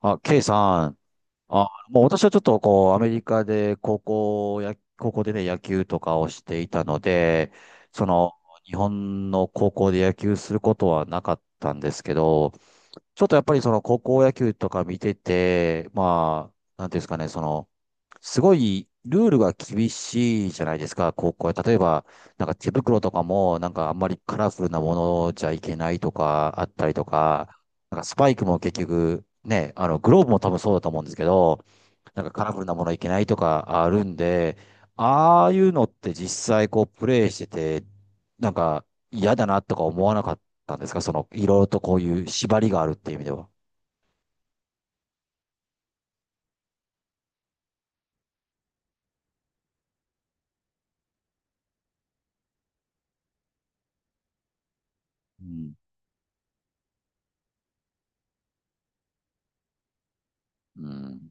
あ、ケイさん。あ、もう私はちょっとこう、アメリカで高校でね、野球とかをしていたので、その、日本の高校で野球することはなかったんですけど、ちょっとやっぱりその高校野球とか見てて、まあ、なんていうんですかね、すごいルールが厳しいじゃないですか、高校は。例えば、なんか手袋とかも、なんかあんまりカラフルなものじゃいけないとか、あったりとか、なんかスパイクも結局、ね、あの、グローブも多分そうだと思うんですけど、なんかカラフルなものいけないとかあるんで、ああいうのって実際こうプレイしてて、なんか嫌だなとか思わなかったんですかその、いろいろとこういう縛りがあるっていう意味では。うん。うん。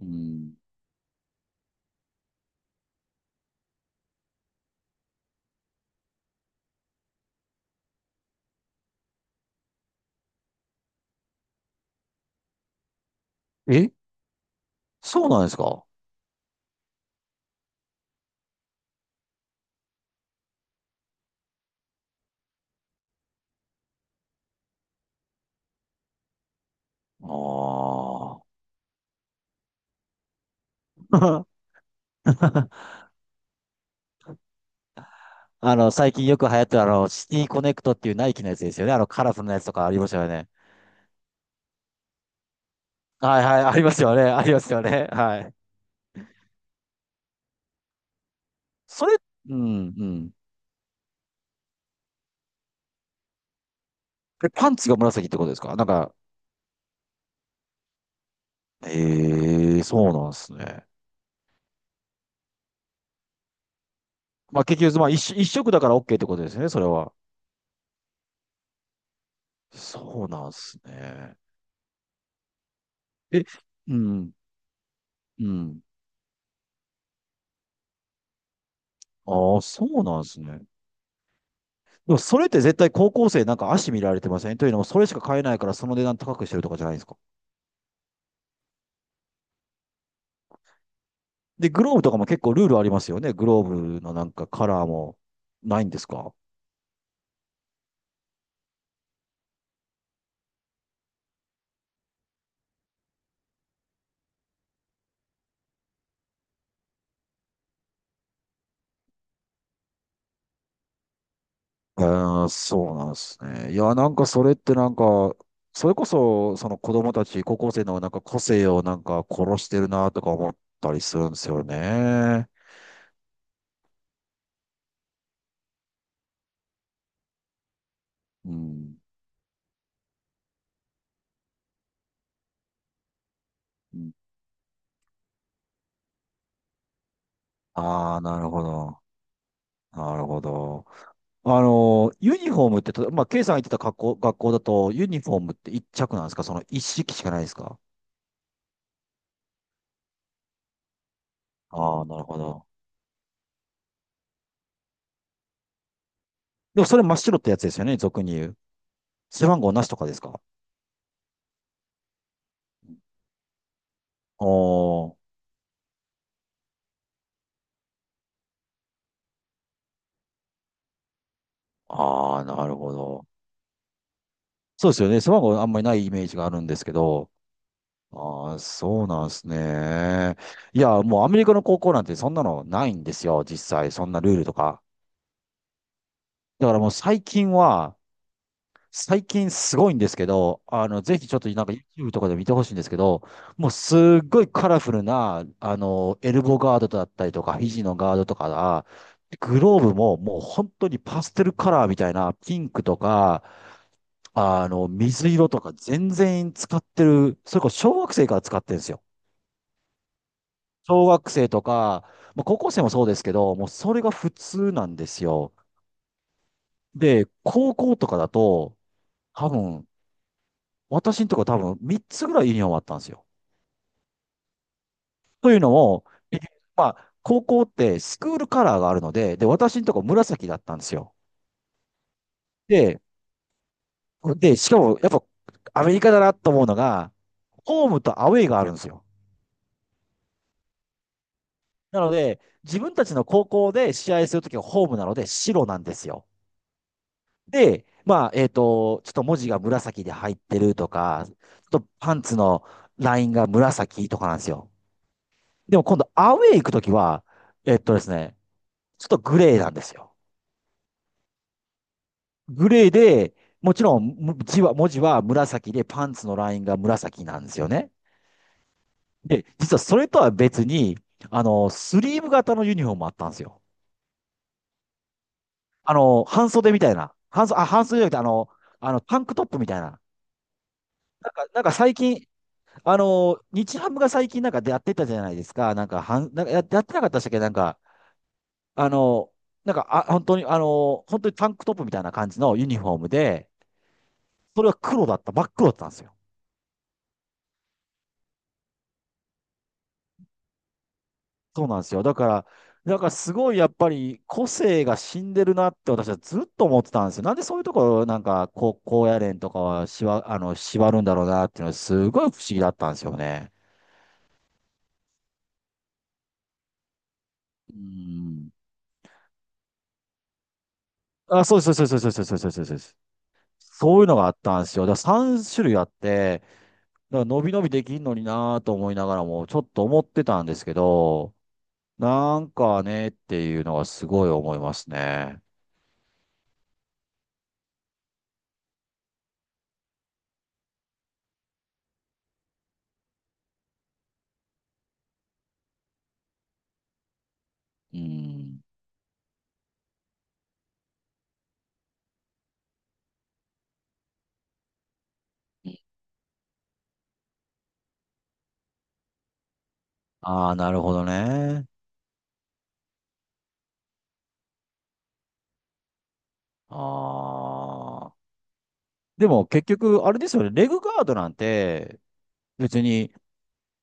うん。え、そうなんですか。ああ。 あの、最近よく流行ってるあの、シティコネクトっていうナイキのやつですよね。あの、カラフルなやつとかありましたよね。はいはい、ありますよね。ありますよね。はい。それ、うん、うん。え、パンツが紫ってことですかなんか。ええ、そうなんですね。まあ結局、まあ一色、一色だから OK ってことですね、それは。そうなんですね。え、うん、うん。ああ、そうなんですね。でもそれって絶対高校生なんか足見られてませんというのも、それしか買えないからその値段高くしてるとかじゃないですか。で、グローブとかも結構ルールありますよね。グローブのなんかカラーもないんですか。あー、そうなんですね。いや、なんかそれってなんか、それこそ、その子供たち、高校生のなんか個性をなんか殺してるなとか思ったりするんですよね。うん。ああ、なるほど。なるほど。あの、ユニフォームって、たまあ、ケイさんが言ってた学校だと、ユニフォームって一着なんですかその一式しかないですか。ああー、なるほど。でもそれ真っ白ってやつですよね、俗に言う。背番号なしとかですか。おー。ああ、なるほど。そうですよね。背番号あんまりないイメージがあるんですけど。ああ、そうなんですね。いや、もうアメリカの高校なんてそんなのないんですよ。実際、そんなルールとか。だからもう最近は、最近すごいんですけど、ぜひちょっとなんか YouTube とかで見てほしいんですけど、もうすっごいカラフルな、あの、エルボーガードだったりとか、肘のガードとかが、グローブももう本当にパステルカラーみたいな、ピンクとか、あの、水色とか全然使ってる、それこそ小学生から使ってるんですよ。小学生とか、まあ、高校生もそうですけど、もうそれが普通なんですよ。で、高校とかだと、多分、私のとこ多分3つぐらいユニフォームあったんですよ。というのも、えまあ、高校ってスクールカラーがあるので、で、私のとこ紫だったんですよ。で、で、しかもやっぱアメリカだなと思うのが、ホームとアウェイがあるんですよ。なので、自分たちの高校で試合するときはホームなので白なんですよ。で、まあ、ちょっと文字が紫で入ってるとか、ちょっとパンツのラインが紫とかなんですよ。でも今度アウェイ行くときは、えっとですね、ちょっとグレーなんですよ。グレーで、もちろん文字は紫でパンツのラインが紫なんですよね。で、実はそれとは別に、あの、スリーブ型のユニフォームもあったんですよ。あの、半袖みたいな。あ、半袖じゃなくて、あの、タンクトップみたいな。なんか最近、あの、日ハムが最近なんかやってたじゃないですか。なんか、なんかやってなかったでしたっけなんか、あの、なんか、あ、本当に、あの、本当にタンクトップみたいな感じのユニフォームで、それは黒だった、真っ黒だったんですよ。そうなんですよ。だから、なんかすごいやっぱり個性が死んでるなって私はずっと思ってたんですよ。なんでそういうところなんかこう、高野連とかはあの、縛るんだろうなっていうのはすごい不思議だったんですよね。うん。あ、そうですそうですそうですそうですそうですそうです。そういうのがあったんですよ。だから3種類あって、だから伸び伸びできんのになぁと思いながらも、ちょっと思ってたんですけど、なんかねっていうのがすごい思いますね。うん。ん。ああ、なるほどね。ああ。でも結局、あれですよね。レグガードなんて、別に、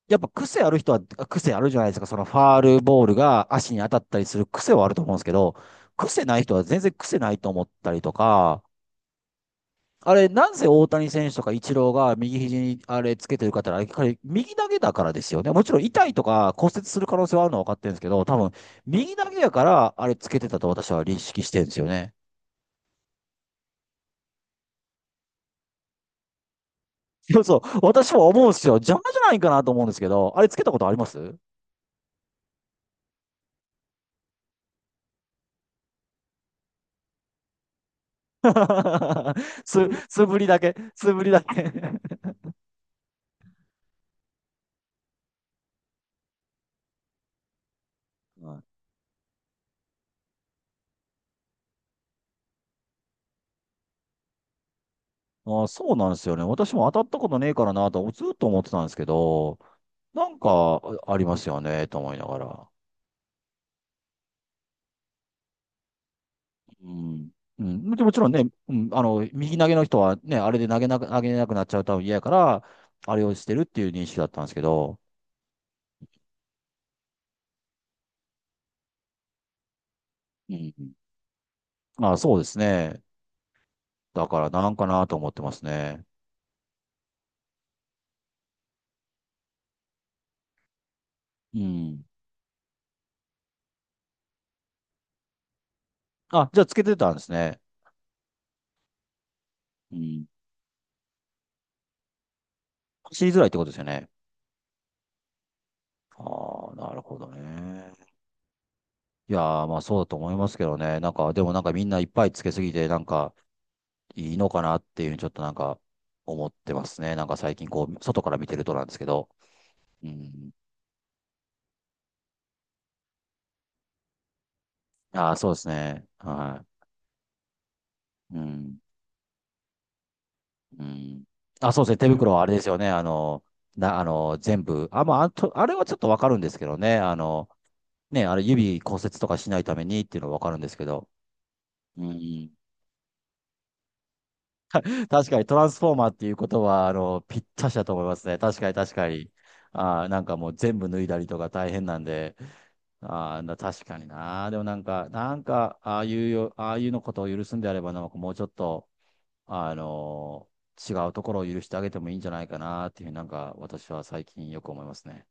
やっぱ癖ある人は癖あるじゃないですか。そのファールボールが足に当たったりする癖はあると思うんですけど、癖ない人は全然癖ないと思ったりとか、あれ、なんせ大谷選手とかイチローが右肘にあれつけてる方は、彼、右投げだからですよね。もちろん痛いとか骨折する可能性はあるのは分かってるんですけど、多分、右投げやからあれつけてたと私は認識してるんですよね。そうそう、私も思うんですよ。邪魔じゃないかなと思うんですけど、あれつけたことあります。素 素振りだけ あー、そうなんですよね。私も当たったことねえからなと、ずっと思ってたんですけど、なんかありますよね、と思いながら。うん。うん、でもちろんね、うん、あの、右投げの人はね、あれで投げれなくなっちゃうと嫌やから、あれをしてるっていう認識だったんですけど、うん。あ、そうですね。だからなんかなと思ってますね。うん。あ、じゃあつけてたんですね。うん。走りづらいってことですよね。ああ、なるほどね。いやー、まあそうだと思いますけどね。なんか、でもなんかみんないっぱいつけすぎて、なんかいいのかなっていうふうにちょっとなんか思ってますね。なんか最近こう、外から見てるとなんですけど。うん。ああ、そうですね。はい。うん。うん。あ、そうですね。手袋はあれですよね。あの、あの、全部。あ、まあ、あと、あれはちょっとわかるんですけどね。あの、ね、あれ指骨折とかしないためにっていうのはわかるんですけど。うん。確かにトランスフォーマーっていうことは、あの、ぴったしだと思いますね。確かに確かに。あーなんかもう全部脱いだりとか大変なんで、あーな確かにな。でもなんか、なんか、ああいうよ、ああいうのことを許すんであれば、なんかもうちょっと、あの違うところを許してあげてもいいんじゃないかなっていうふうになんか私は最近よく思いますね。